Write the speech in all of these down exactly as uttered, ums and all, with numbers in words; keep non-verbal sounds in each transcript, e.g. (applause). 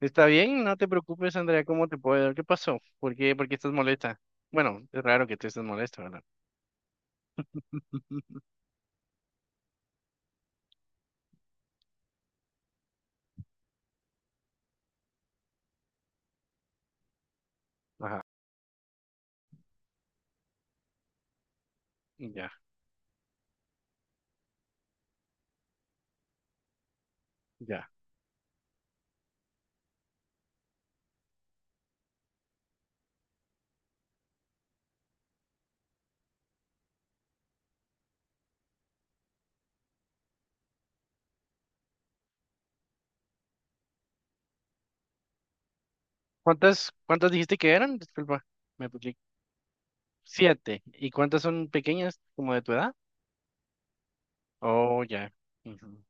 Está bien, no te preocupes, Andrea, ¿cómo te puedo ayudar? ¿Qué pasó? ¿Por qué, por qué estás molesta? Bueno, es raro que te estés molesta, ¿verdad? (laughs) Ajá, ya, ya. ¿Cuántas, cuántas dijiste que eran? Disculpa, me equivoqué. Siete. ¿Y cuántas son pequeñas, como de tu edad? Oh, ya. Ujú.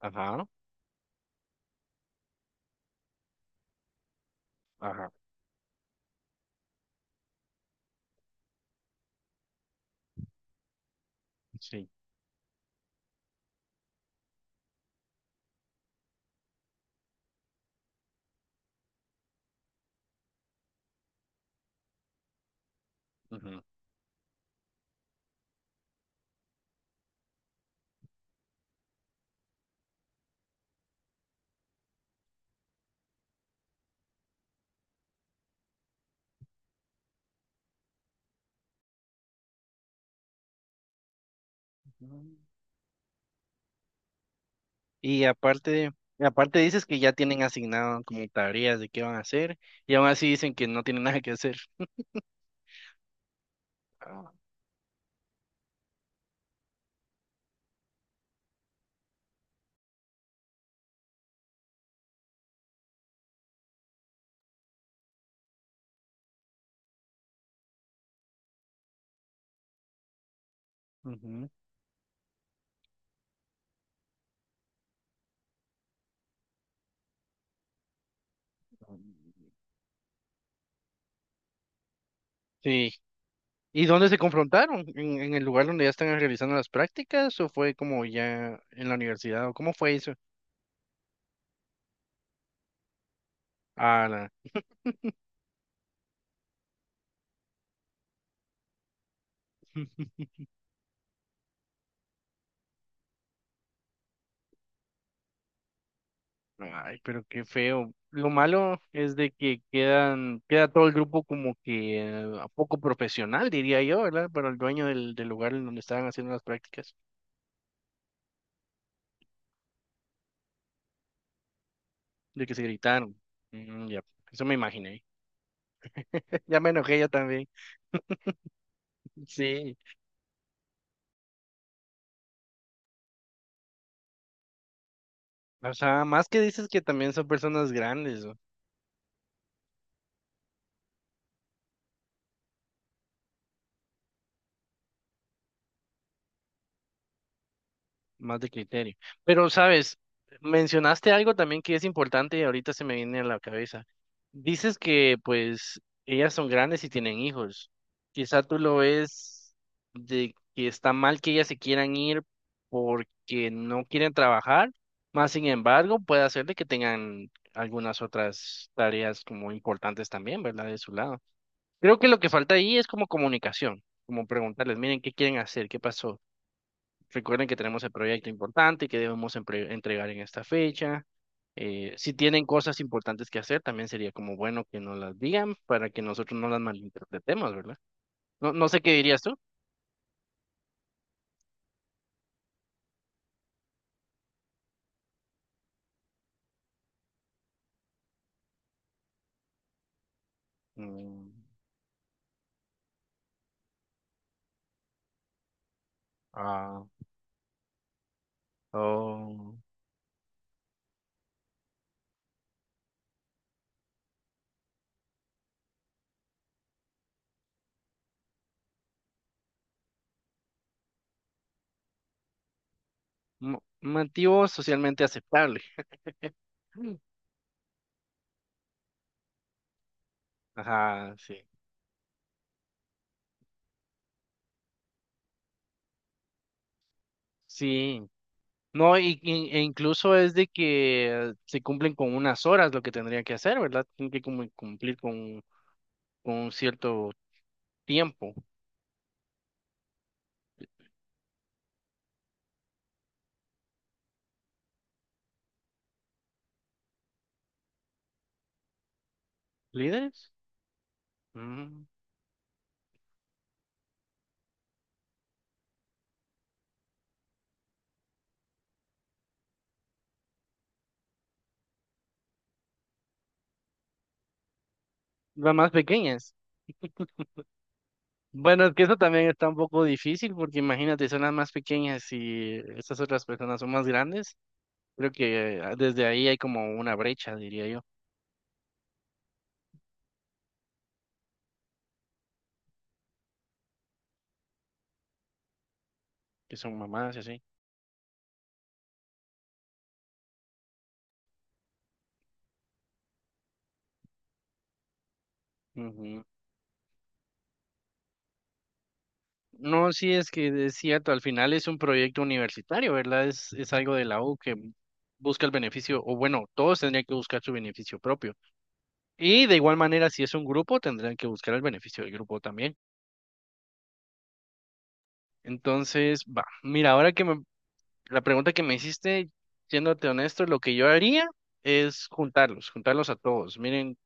Ajá, ajá, sí. Ujú. Ujú. Y aparte, y aparte dices que ya tienen asignado como tareas de qué van a hacer, y aún así dicen que no tienen nada que hacer. Ah, ujú. Sí. ¿Y dónde se confrontaron? ¿En, en el lugar donde ya están realizando las prácticas o fue como ya en la universidad o cómo fue eso? Ah, la- (laughs) Ay, pero qué feo. Lo malo es de que quedan, queda todo el grupo como que eh, poco profesional, diría yo, ¿verdad? Para el dueño del, del lugar en donde estaban haciendo las prácticas, de que se gritaron. Mm. Ya, eso me imaginé. (laughs) Ya me enojé yo también. Sí. O sea, más que dices que también son personas grandes, más de criterio. Pero, sabes, mencionaste algo también que es importante y ahorita se me viene a la cabeza. Dices que, pues, ellas son grandes y tienen hijos. Quizá tú lo ves de que está mal que ellas se quieran ir porque no quieren trabajar, más sin embargo, puede hacer de que tengan algunas otras tareas como importantes también, ¿verdad? De su lado. Creo que lo que falta ahí es como comunicación, como preguntarles, miren, ¿qué quieren hacer? ¿Qué pasó? Recuerden que tenemos el proyecto importante que debemos empre- entregar en esta fecha. Eh, si tienen cosas importantes que hacer, también sería como bueno que nos las digan para que nosotros no las malinterpretemos, ¿verdad? No, no sé qué dirías tú. Mm, ah, oh, mo- motivo socialmente aceptable. Mm. Ajá, sí. Sí. No, y, y- e incluso es de que eh, se cumplen con unas horas lo que tendrían que hacer, ¿verdad? Tienen que cum- cumplir con, con un cierto tiempo. ¿Líderes? Mm. Las más pequeñas. Bueno, es que eso también está un poco difícil porque imagínate, son las más pequeñas y estas otras personas son más grandes. Creo que eh, desde ahí hay como una brecha, diría yo, que son mamás y así. Ujú. No, sí, es que es cierto, al final es un proyecto universitario, ¿verdad? Es, es algo de la U que busca el beneficio, o bueno, todos tendrían que buscar su beneficio propio. Y de igual manera, si es un grupo, tendrán que buscar el beneficio del grupo también. Entonces, va, mira, ahora que me La pregunta que me hiciste, siéndote honesto, lo que yo haría es juntarlos, juntarlos a todos. Miren,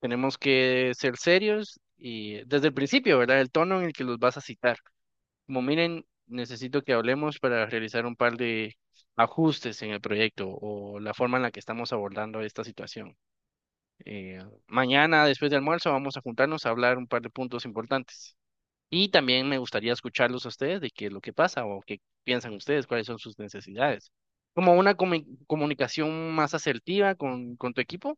tenemos que ser serios y desde el principio, ¿verdad? El tono en el que los vas a citar. Como miren, necesito que hablemos para realizar un par de ajustes en el proyecto o la forma en la que estamos abordando esta situación. Eh, mañana, después de almuerzo, vamos a juntarnos a hablar un par de puntos importantes. Y también me gustaría escucharlos a ustedes de qué es lo que pasa o qué piensan ustedes, cuáles son sus necesidades. Como una comu- comunicación más asertiva con, con tu equipo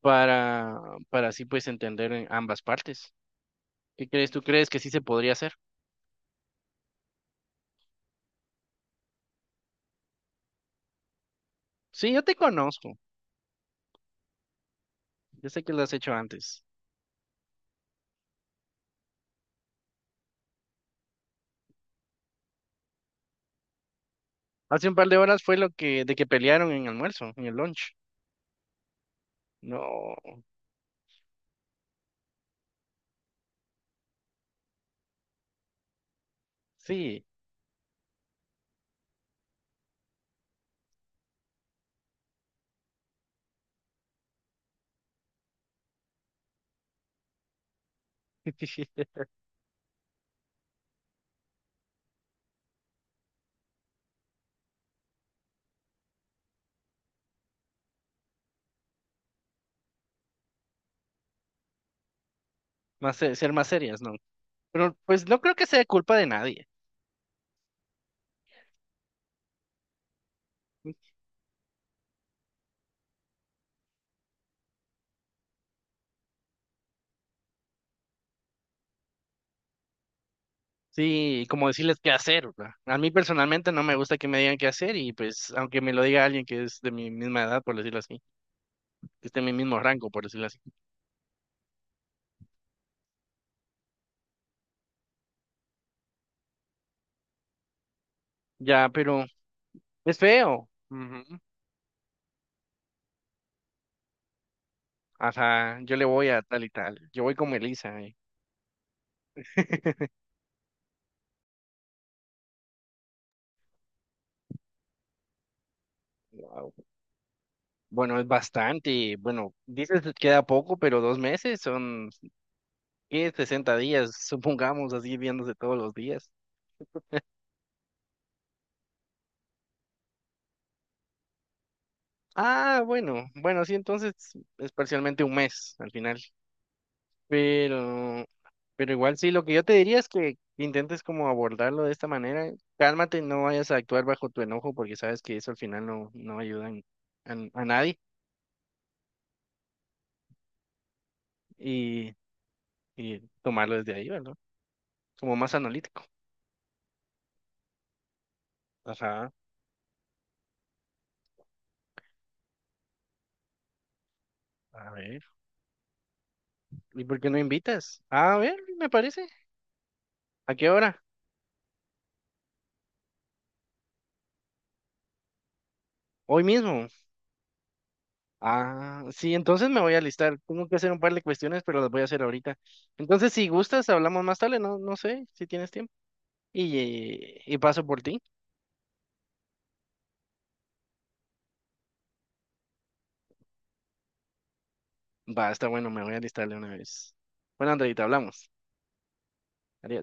para, para así pues entender en ambas partes. ¿Qué crees? ¿Tú crees que sí se podría hacer? Sí, yo te conozco. Yo sé que lo has hecho antes. Hace un par de horas fue lo que, de que pelearon en almuerzo, en el lunch. No, sí. (laughs) Más, se- ser más serias, ¿no? Pero pues no creo que sea culpa de nadie. Sí, como decirles qué hacer, ¿verdad? A mí personalmente no me gusta que me digan qué hacer y pues aunque me lo diga alguien que es de mi misma edad, por decirlo así, que esté en mi mismo rango, por decirlo así. Ya, pero es feo. Ujú. Ajá, yo le voy a tal y tal. Yo voy como Elisa. eh. (laughs) Wow. Bueno, es bastante. Bueno, dices que queda poco, pero dos meses son ¿qué? sesenta días, supongamos, así viéndose todos los días. Ah, bueno, bueno, sí, entonces es parcialmente un mes al final. Pero, pero igual sí, lo que yo te diría es que intentes como abordarlo de esta manera. Cálmate, no vayas a actuar bajo tu enojo porque sabes que eso al final no, no ayuda en- en- a, nadie y, y tomarlo desde ahí, ¿verdad? Como más analítico. Ajá, a ver. ¿Y por qué no invitas? A ver, me parece. ¿A qué hora? Hoy mismo. Ah, sí, entonces me voy a alistar. Tengo que hacer un par de cuestiones, pero las voy a hacer ahorita. Entonces, si gustas, hablamos más tarde, no, no sé si tienes tiempo. Y, eh, y paso por ti. Va, está bueno, me voy a alistar de una vez. Bueno, Andreita, hablamos. Adiós.